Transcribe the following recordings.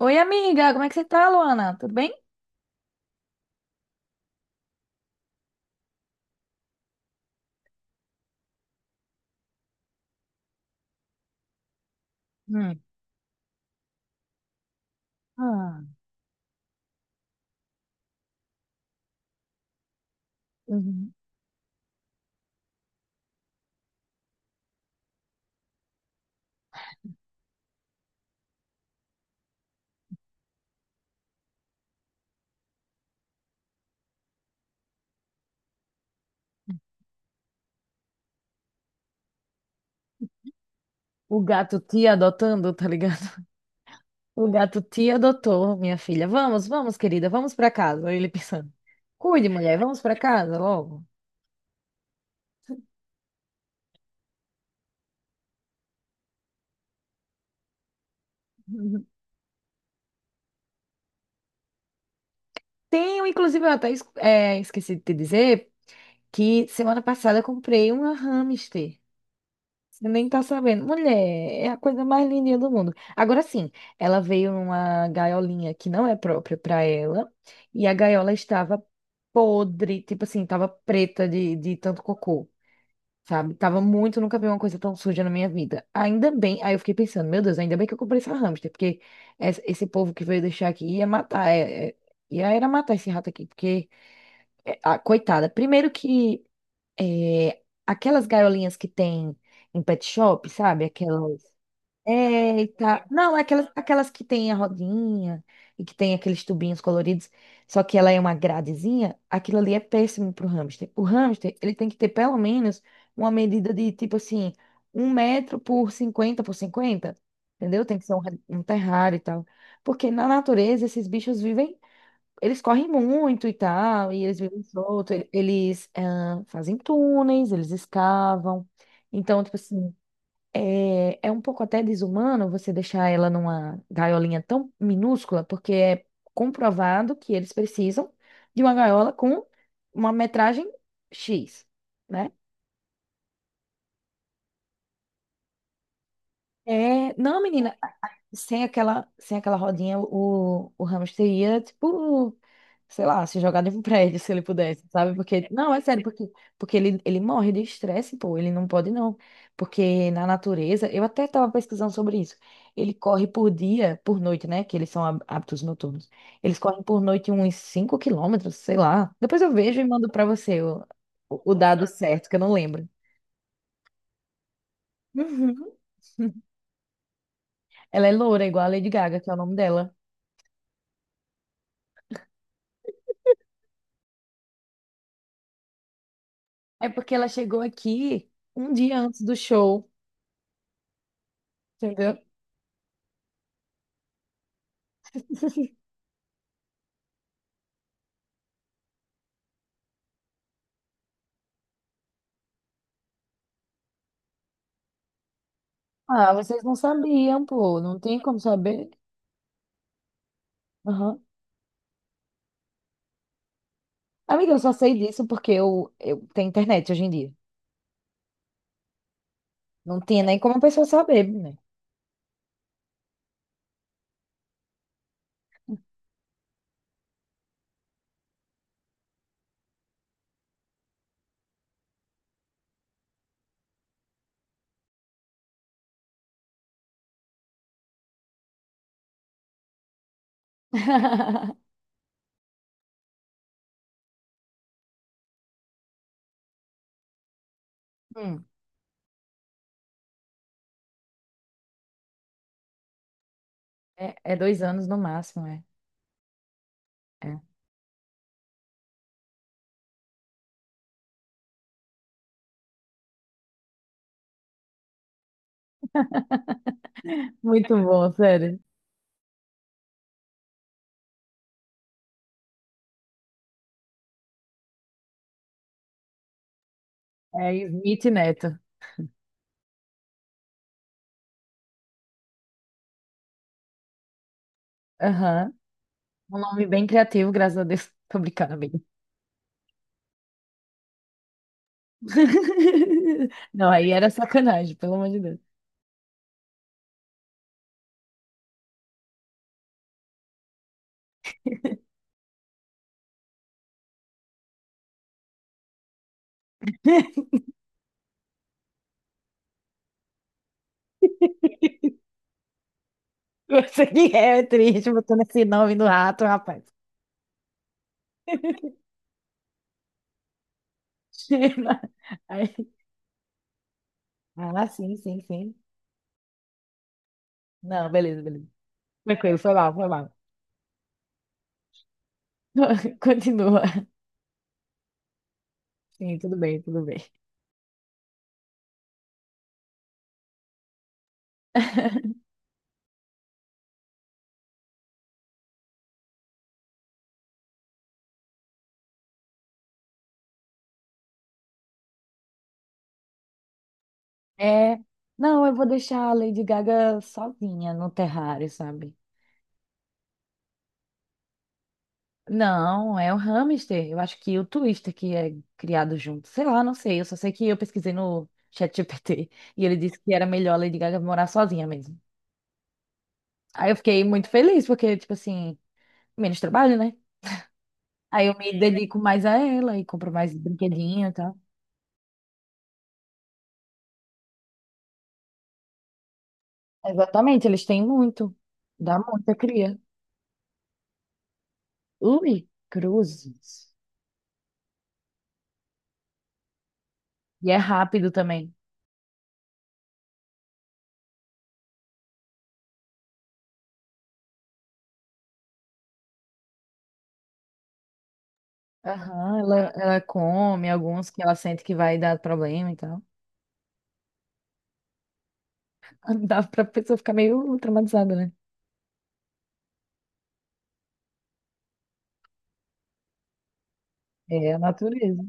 Oi, amiga, como é que você tá, Luana? Tudo bem? Hum. Ah, uhum. O gato te adotando, tá ligado? O gato te adotou, minha filha. Vamos, vamos, querida, vamos pra casa. Aí ele pensando. Cuide, mulher, vamos pra casa logo. Uhum. Tenho, inclusive, eu até esqueci de te dizer que semana passada eu comprei uma hamster. Você nem tá sabendo. Mulher, é a coisa mais lindinha do mundo. Agora sim, ela veio numa gaiolinha que não é própria para ela, e a gaiola estava podre, tipo assim, tava preta de tanto cocô, sabe? Tava muito, nunca vi uma coisa tão suja na minha vida. Ainda bem, aí eu fiquei pensando, meu Deus, ainda bem que eu comprei essa hamster, porque esse povo que veio deixar aqui ia matar, ia era matar esse rato aqui, porque, ah, coitada, primeiro que aquelas gaiolinhas que tem em pet shop, sabe? Aquelas. Não, aquelas que tem a rodinha e que tem aqueles tubinhos coloridos, só que ela é uma gradezinha, aquilo ali é péssimo pro hamster. O hamster, ele tem que ter pelo menos uma medida de tipo assim, 1 m por 50 por 50. Entendeu? Tem que ser um terrário e tal. Porque na natureza esses bichos vivem, eles correm muito e tal, e eles vivem solto, eles fazem túneis, eles escavam. Então, tipo assim, é um pouco até desumano você deixar ela numa gaiolinha tão minúscula, porque é comprovado que eles precisam de uma gaiola com uma metragem X, né? É, não, menina, sem aquela rodinha, o hamster ia, tipo, sei lá, se jogar de um prédio se ele pudesse, sabe? Porque, não, é sério, porque ele morre de estresse, pô, ele não pode não. Porque na natureza, eu até estava pesquisando sobre isso. Ele corre por dia, por noite, né? Que eles são hábitos noturnos. Eles correm por noite uns 5 km, sei lá. Depois eu vejo e mando pra você o dado certo, que eu não lembro. Uhum. Ela é loura, igual a Lady Gaga, que é o nome dela. É porque ela chegou aqui um dia antes do show, entendeu? Ah, vocês não sabiam, pô. Não tem como saber. Aham. Amiga, eu só sei disso porque eu tenho internet hoje em dia. Não tinha nem como a pessoa saber, né? Hum, é 2 anos no máximo, é. É. Muito bom, sério. É Smith Neto. Aham. Um nome bem criativo, graças a Deus. Tô brincando, amiga. Não, aí era sacanagem, pelo amor de Deus. Você que é triste botando esse nome no rato, rapaz. Aí- Ah, sim, sim, sim. Não, beleza, beleza. Tranquilo, foi lá, foi lá. Continua. Sim, tudo bem, tudo bem. É, não, eu vou deixar a Lady Gaga sozinha no terrário, sabe? Não, é o hamster. Eu acho que o Twister que é criado junto. Sei lá, não sei. Eu só sei que eu pesquisei no ChatGPT e ele disse que era melhor a Lady Gaga morar sozinha mesmo. Aí eu fiquei muito feliz, porque, tipo assim, menos trabalho, né? Aí eu me dedico mais a ela e compro mais brinquedinho e tal. Exatamente, eles têm muito. Dá muita cria. Ui, cruzes. E é rápido também. Aham, ela come alguns que ela sente que vai dar problema e tal. Dá pra pessoa ficar meio traumatizada, né? É a natureza.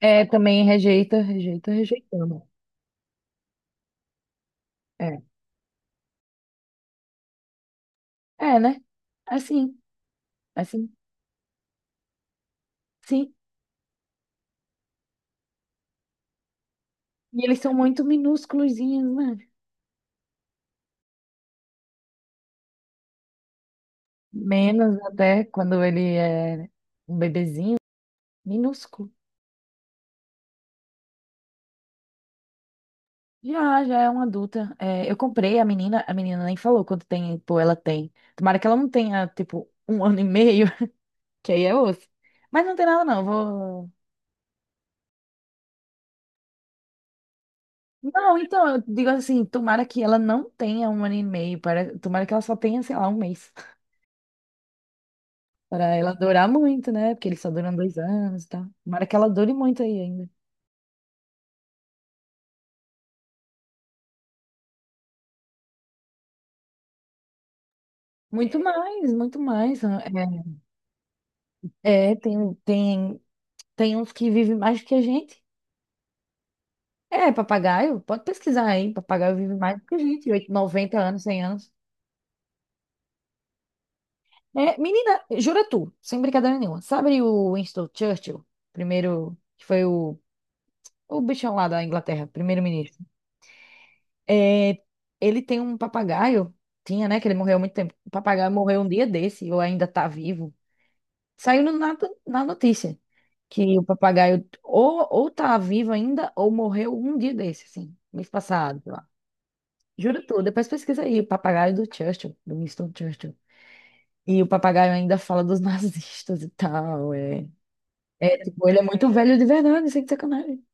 É, também rejeita, rejeita, rejeitando. É. É, né? Assim, assim, sim. E eles são muito minúsculozinhos, né? Menos até quando ele é um bebezinho, minúsculo. Já, já é uma adulta. É, eu comprei a menina nem falou quanto tempo ela tem. Tomara que ela não tenha, tipo, um ano e meio, que aí é osso. Mas não tem nada, não. Vou. Não, então, eu digo assim, tomara que ela não tenha um ano e meio. Para... Tomara que ela só tenha, sei lá, um mês. Para ela durar muito, né? Porque eles só duram 2 anos e tal. Tomara que ela dure muito aí ainda. Muito mais, muito mais, né? É, tem uns que vivem mais do que a gente. É, papagaio, pode pesquisar aí, papagaio vive mais do que a gente, 8, 90 anos, 100 anos. É, menina, jura tu, sem brincadeira nenhuma, sabe o Winston Churchill, primeiro, que foi o bichão lá da Inglaterra, primeiro-ministro? É, ele tem um papagaio, tinha, né, que ele morreu há muito tempo, o papagaio morreu um dia desse, ou ainda tá vivo, saiu na notícia, que o papagaio ou tá vivo ainda, ou morreu um dia desse, assim, mês passado. Juro tudo, depois pesquisa aí, o papagaio do Churchill, do Winston Churchill. E o papagaio ainda fala dos nazistas e tal, é. É, tipo, ele é muito velho de verdade, sem sacanagem.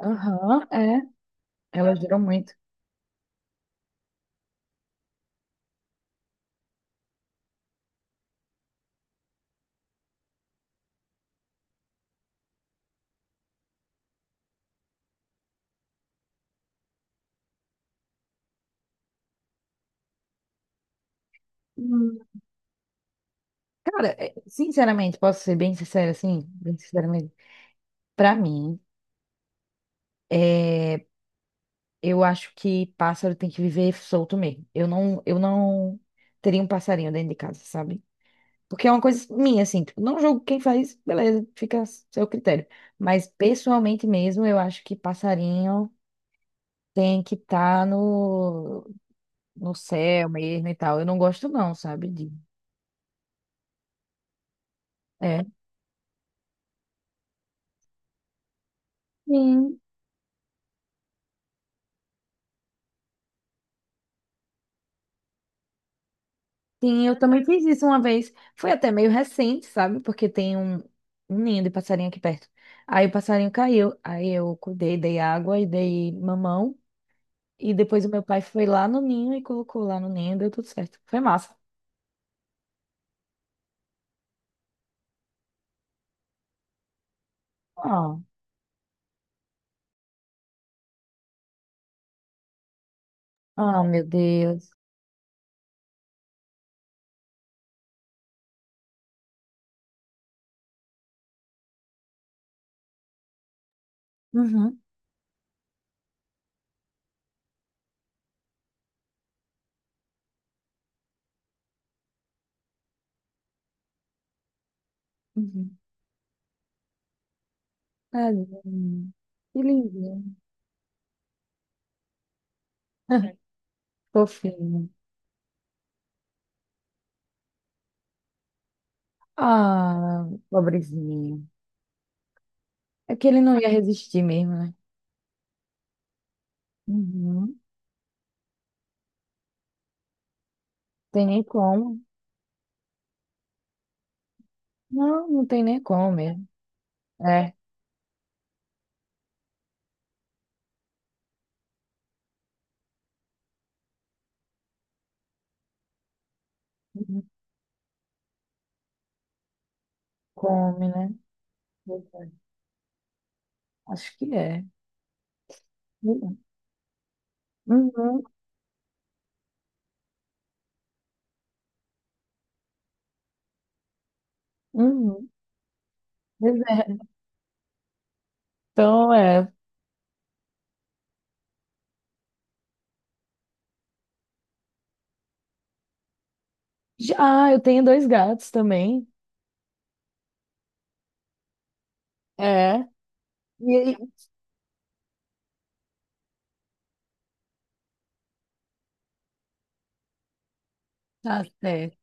Aham, é. Elas duram muito. Hum. Cara, é, sinceramente, posso ser bem sincera, assim, bem sinceramente, pra mim, é, eu acho que pássaro tem que viver solto mesmo. Eu não teria um passarinho dentro de casa, sabe? Porque é uma coisa minha, assim, tipo, não julgo quem faz, beleza, fica a seu critério. Mas pessoalmente mesmo, eu acho que passarinho tem que estar no céu mesmo e tal. Eu não gosto, não, sabe? De... É. Sim, sim, eu também fiz isso uma vez. Foi até meio recente, sabe? Porque tem um ninho de passarinho aqui perto. Aí o passarinho caiu. Aí eu cuidei, dei água e dei mamão. E depois o meu pai foi lá no ninho e colocou lá no ninho e deu tudo certo. Foi massa. Oh, meu Deus. Uhum, uhum. Tadinho. Que lindinho. Fofinho. Ah, pobrezinho. É que ele não ia resistir mesmo, né? Uhum. Tem nem como. Não, não tem nem como mesmo. É. Uhum. Come, né? Pois é. Acho que é. Uhum, uhum. Uhum. Pois é. Então, é. Já, ah, eu tenho 2 gatos também. É. E aí? Tá certo.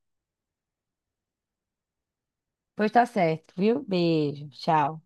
Pois tá certo, viu? Beijo. Tchau.